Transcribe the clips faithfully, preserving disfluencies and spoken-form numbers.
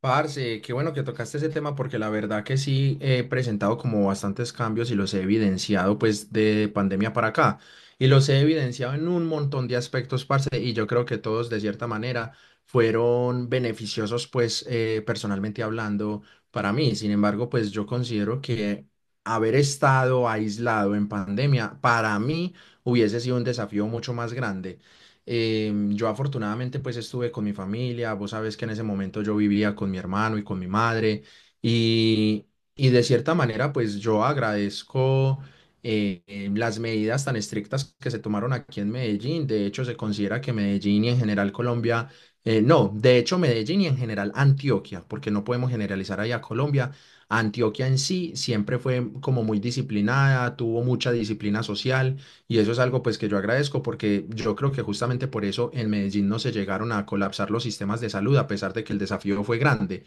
Parce, qué bueno que tocaste ese tema porque la verdad que sí he presentado como bastantes cambios y los he evidenciado pues de pandemia para acá y los he evidenciado en un montón de aspectos, parce, y yo creo que todos de cierta manera fueron beneficiosos pues eh, personalmente hablando para mí. Sin embargo, pues yo considero que haber estado aislado en pandemia para mí hubiese sido un desafío mucho más grande. Eh, yo afortunadamente pues estuve con mi familia, vos sabes que en ese momento yo vivía con mi hermano y con mi madre y, y de cierta manera pues yo agradezco eh, eh, las medidas tan estrictas que se tomaron aquí en Medellín. De hecho se considera que Medellín y en general Colombia, eh, no, de hecho Medellín y en general Antioquia, porque no podemos generalizar ahí a Colombia. Antioquia en sí siempre fue como muy disciplinada, tuvo mucha disciplina social. Y eso es algo pues que yo agradezco porque yo creo que justamente por eso en Medellín no se llegaron a colapsar los sistemas de salud a pesar de que el desafío fue grande.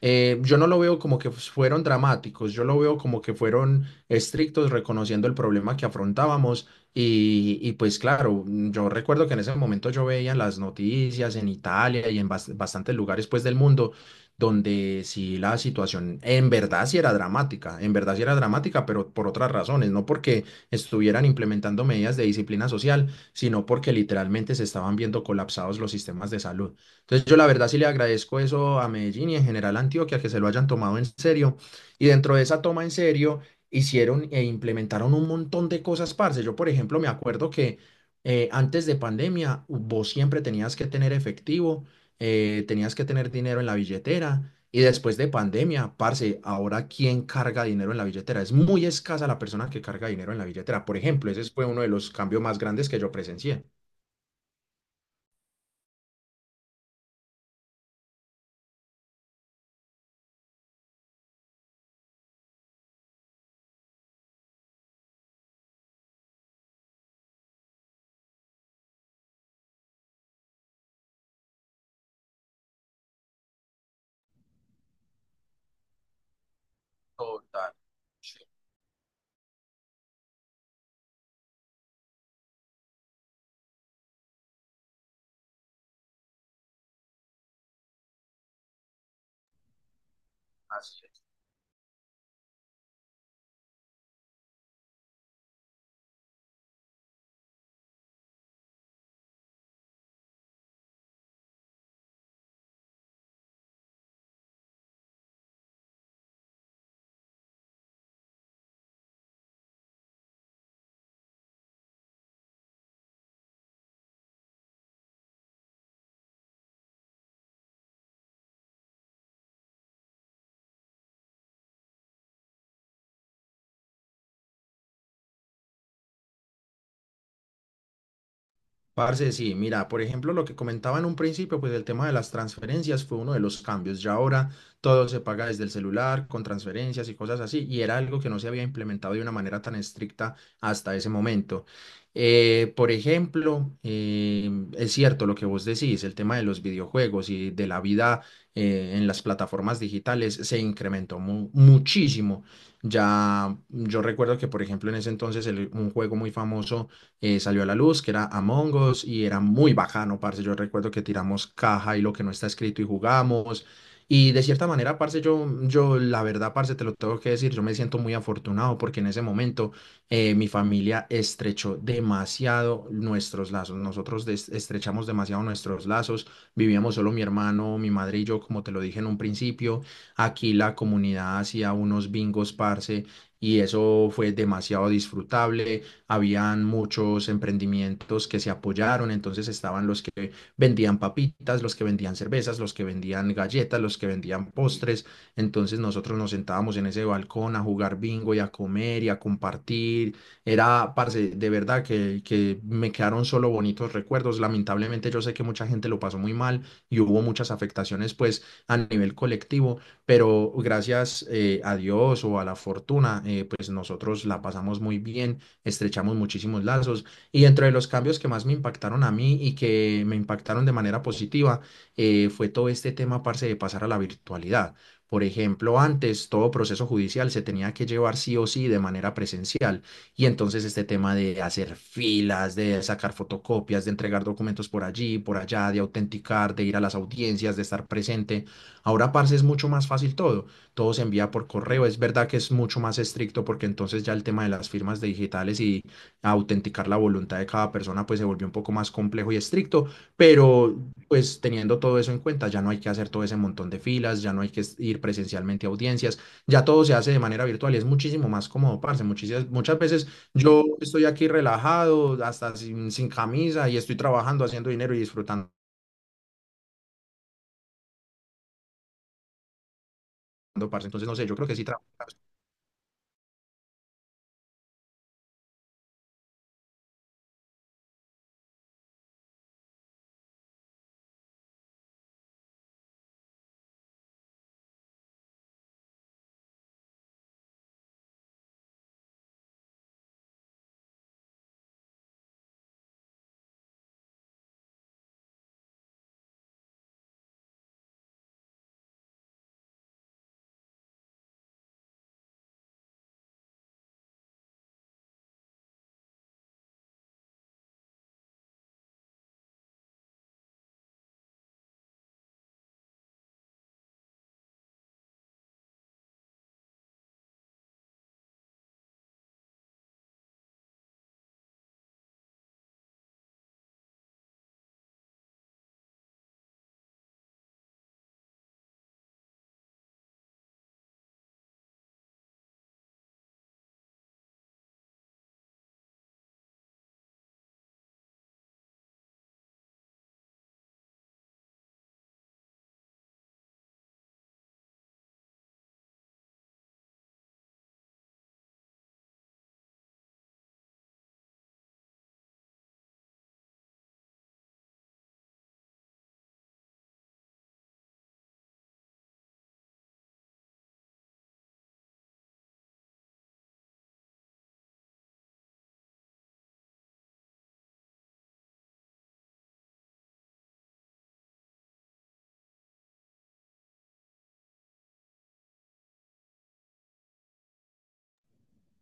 Eh, yo no lo veo como que fueron dramáticos, yo lo veo como que fueron estrictos reconociendo el problema que afrontábamos y, y pues claro, mm, yo recuerdo que en ese momento yo veía en las noticias en Italia y en bas- bastantes lugares pues del mundo donde sí la situación en verdad sí era dramática, en verdad sí era dramática, pero por otras razones, no porque estuvieran implementando medidas de disciplina social, sino porque literalmente se estaban viendo colapsados los sistemas de salud. Entonces yo la verdad sí le agradezco eso a Medellín y en general a Antioquia, que se lo hayan tomado en serio. Y dentro de esa toma en serio, hicieron e implementaron un montón de cosas, parce. Yo, por ejemplo, me acuerdo que eh, antes de pandemia, vos siempre tenías que tener efectivo, eh, tenías que tener dinero en la billetera. Y después de pandemia, parce, ahora ¿quién carga dinero en la billetera? Es muy escasa la persona que carga dinero en la billetera. Por ejemplo, ese fue uno de los cambios más grandes que yo presencié. Parce, sí, mira, por ejemplo, lo que comentaba en un principio, pues el tema de las transferencias fue uno de los cambios. Ya ahora todo se paga desde el celular, con transferencias y cosas así, y era algo que no se había implementado de una manera tan estricta hasta ese momento. Eh, por ejemplo, eh, es cierto lo que vos decís, el tema de los videojuegos y de la vida eh, en las plataformas digitales se incrementó mu- muchísimo. Ya yo recuerdo que, por ejemplo, en ese entonces el- un juego muy famoso eh, salió a la luz, que era Among Us y era muy bacano, parce. Yo recuerdo que tiramos caja y lo que no está escrito y jugamos. Y de cierta manera, parce, yo, yo la verdad, parce, te lo tengo que decir, yo me siento muy afortunado porque en ese momento eh, mi familia estrechó demasiado nuestros lazos. Nosotros des- estrechamos demasiado nuestros lazos. Vivíamos solo mi hermano, mi madre y yo, como te lo dije en un principio. Aquí la comunidad hacía unos bingos, parce, y eso fue demasiado disfrutable. Habían muchos emprendimientos que se apoyaron, entonces estaban los que vendían papitas, los que vendían cervezas, los que vendían galletas, los que vendían postres, entonces nosotros nos sentábamos en ese balcón a jugar bingo y a comer y a compartir. Era, parce, de verdad que, que me quedaron solo bonitos recuerdos. Lamentablemente yo sé que mucha gente lo pasó muy mal y hubo muchas afectaciones pues a nivel colectivo, pero gracias eh, a Dios o a la fortuna, eh, pues nosotros la pasamos muy bien, estrechamos muchísimos lazos. Y dentro de los cambios que más me impactaron a mí y que me impactaron de manera positiva, eh, fue todo este tema, parce, de pasar a la virtualidad. Por ejemplo, antes todo proceso judicial se tenía que llevar sí o sí de manera presencial. Y entonces este tema de hacer filas, de sacar fotocopias, de entregar documentos por allí, por allá, de autenticar, de ir a las audiencias, de estar presente. Ahora, parce, es mucho más fácil todo, todo se envía por correo. Es verdad que es mucho más estricto porque entonces ya el tema de las firmas digitales y autenticar la voluntad de cada persona pues se volvió un poco más complejo y estricto, pero pues teniendo todo eso en cuenta ya no hay que hacer todo ese montón de filas, ya no hay que es- ir presencialmente a audiencias, ya todo se hace de manera virtual y es muchísimo más cómodo, parce. Muchísimas, muchas veces yo estoy aquí relajado, hasta sin, sin camisa y estoy trabajando, haciendo dinero y disfrutando, parce. Entonces no sé, yo creo que sí trabaja.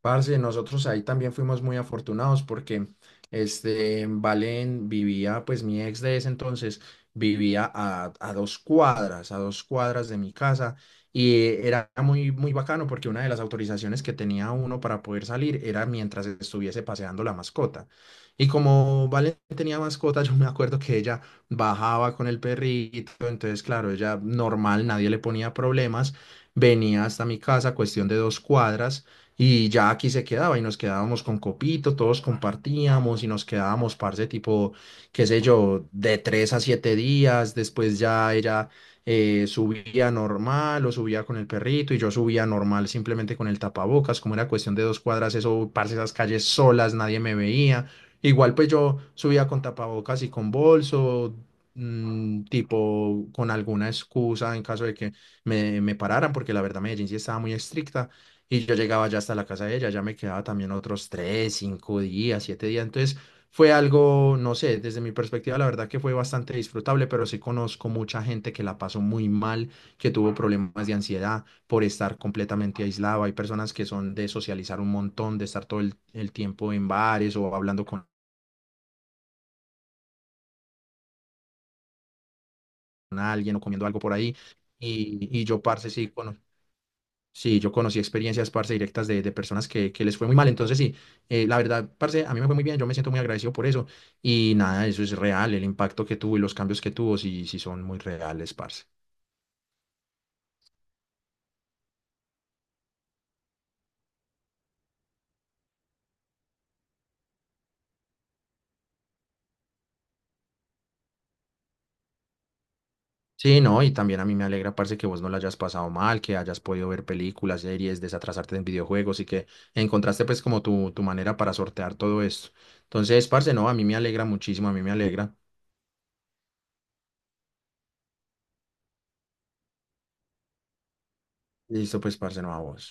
Parce, nosotros ahí también fuimos muy afortunados porque este, en Valen vivía, pues mi ex de ese entonces vivía a, a dos cuadras, a dos cuadras de mi casa y era muy, muy bacano porque una de las autorizaciones que tenía uno para poder salir era mientras estuviese paseando la mascota. Y como Valen tenía mascota, yo me acuerdo que ella bajaba con el perrito, entonces claro, ella normal, nadie le ponía problemas, venía hasta mi casa, cuestión de dos cuadras y ya aquí se quedaba y nos quedábamos con copito, todos compartíamos y nos quedábamos, parce, tipo, qué sé yo, de tres a siete días. Después ya ella eh, subía normal o subía con el perrito y yo subía normal simplemente con el tapabocas. Como era cuestión de dos cuadras, eso, parce, esas calles solas, nadie me veía. Igual pues yo subía con tapabocas y con bolso, mm, tipo, con alguna excusa en caso de que me, me pararan, porque la verdad Medellín sí estaba muy estricta y yo llegaba ya hasta la casa de ella, ya me quedaba también otros tres, cinco días, siete días. Entonces fue algo, no sé, desde mi perspectiva, la verdad que fue bastante disfrutable, pero sí conozco mucha gente que la pasó muy mal, que tuvo problemas de ansiedad por estar completamente aislado. Hay personas que son de socializar un montón, de estar todo el, el tiempo en bares o hablando con alguien o comiendo algo por ahí. Y, y yo, parce, sí, cono- Sí, yo conocí experiencias, parce, directas de, de personas que, que les fue muy mal. Entonces, sí, eh, la verdad, parce, a mí me fue muy bien. Yo me siento muy agradecido por eso. Y nada, eso es real. El impacto que tuvo y los cambios que tuvo, sí, sí son muy reales, parce. Sí, no, y también a mí me alegra, parce, que vos no la hayas pasado mal, que hayas podido ver películas, series, desatrasarte en videojuegos y que encontraste, pues, como tu, tu manera para sortear todo esto. Entonces, parce, no, a mí me alegra muchísimo, a mí me alegra. Listo, pues, parce, no, a vos.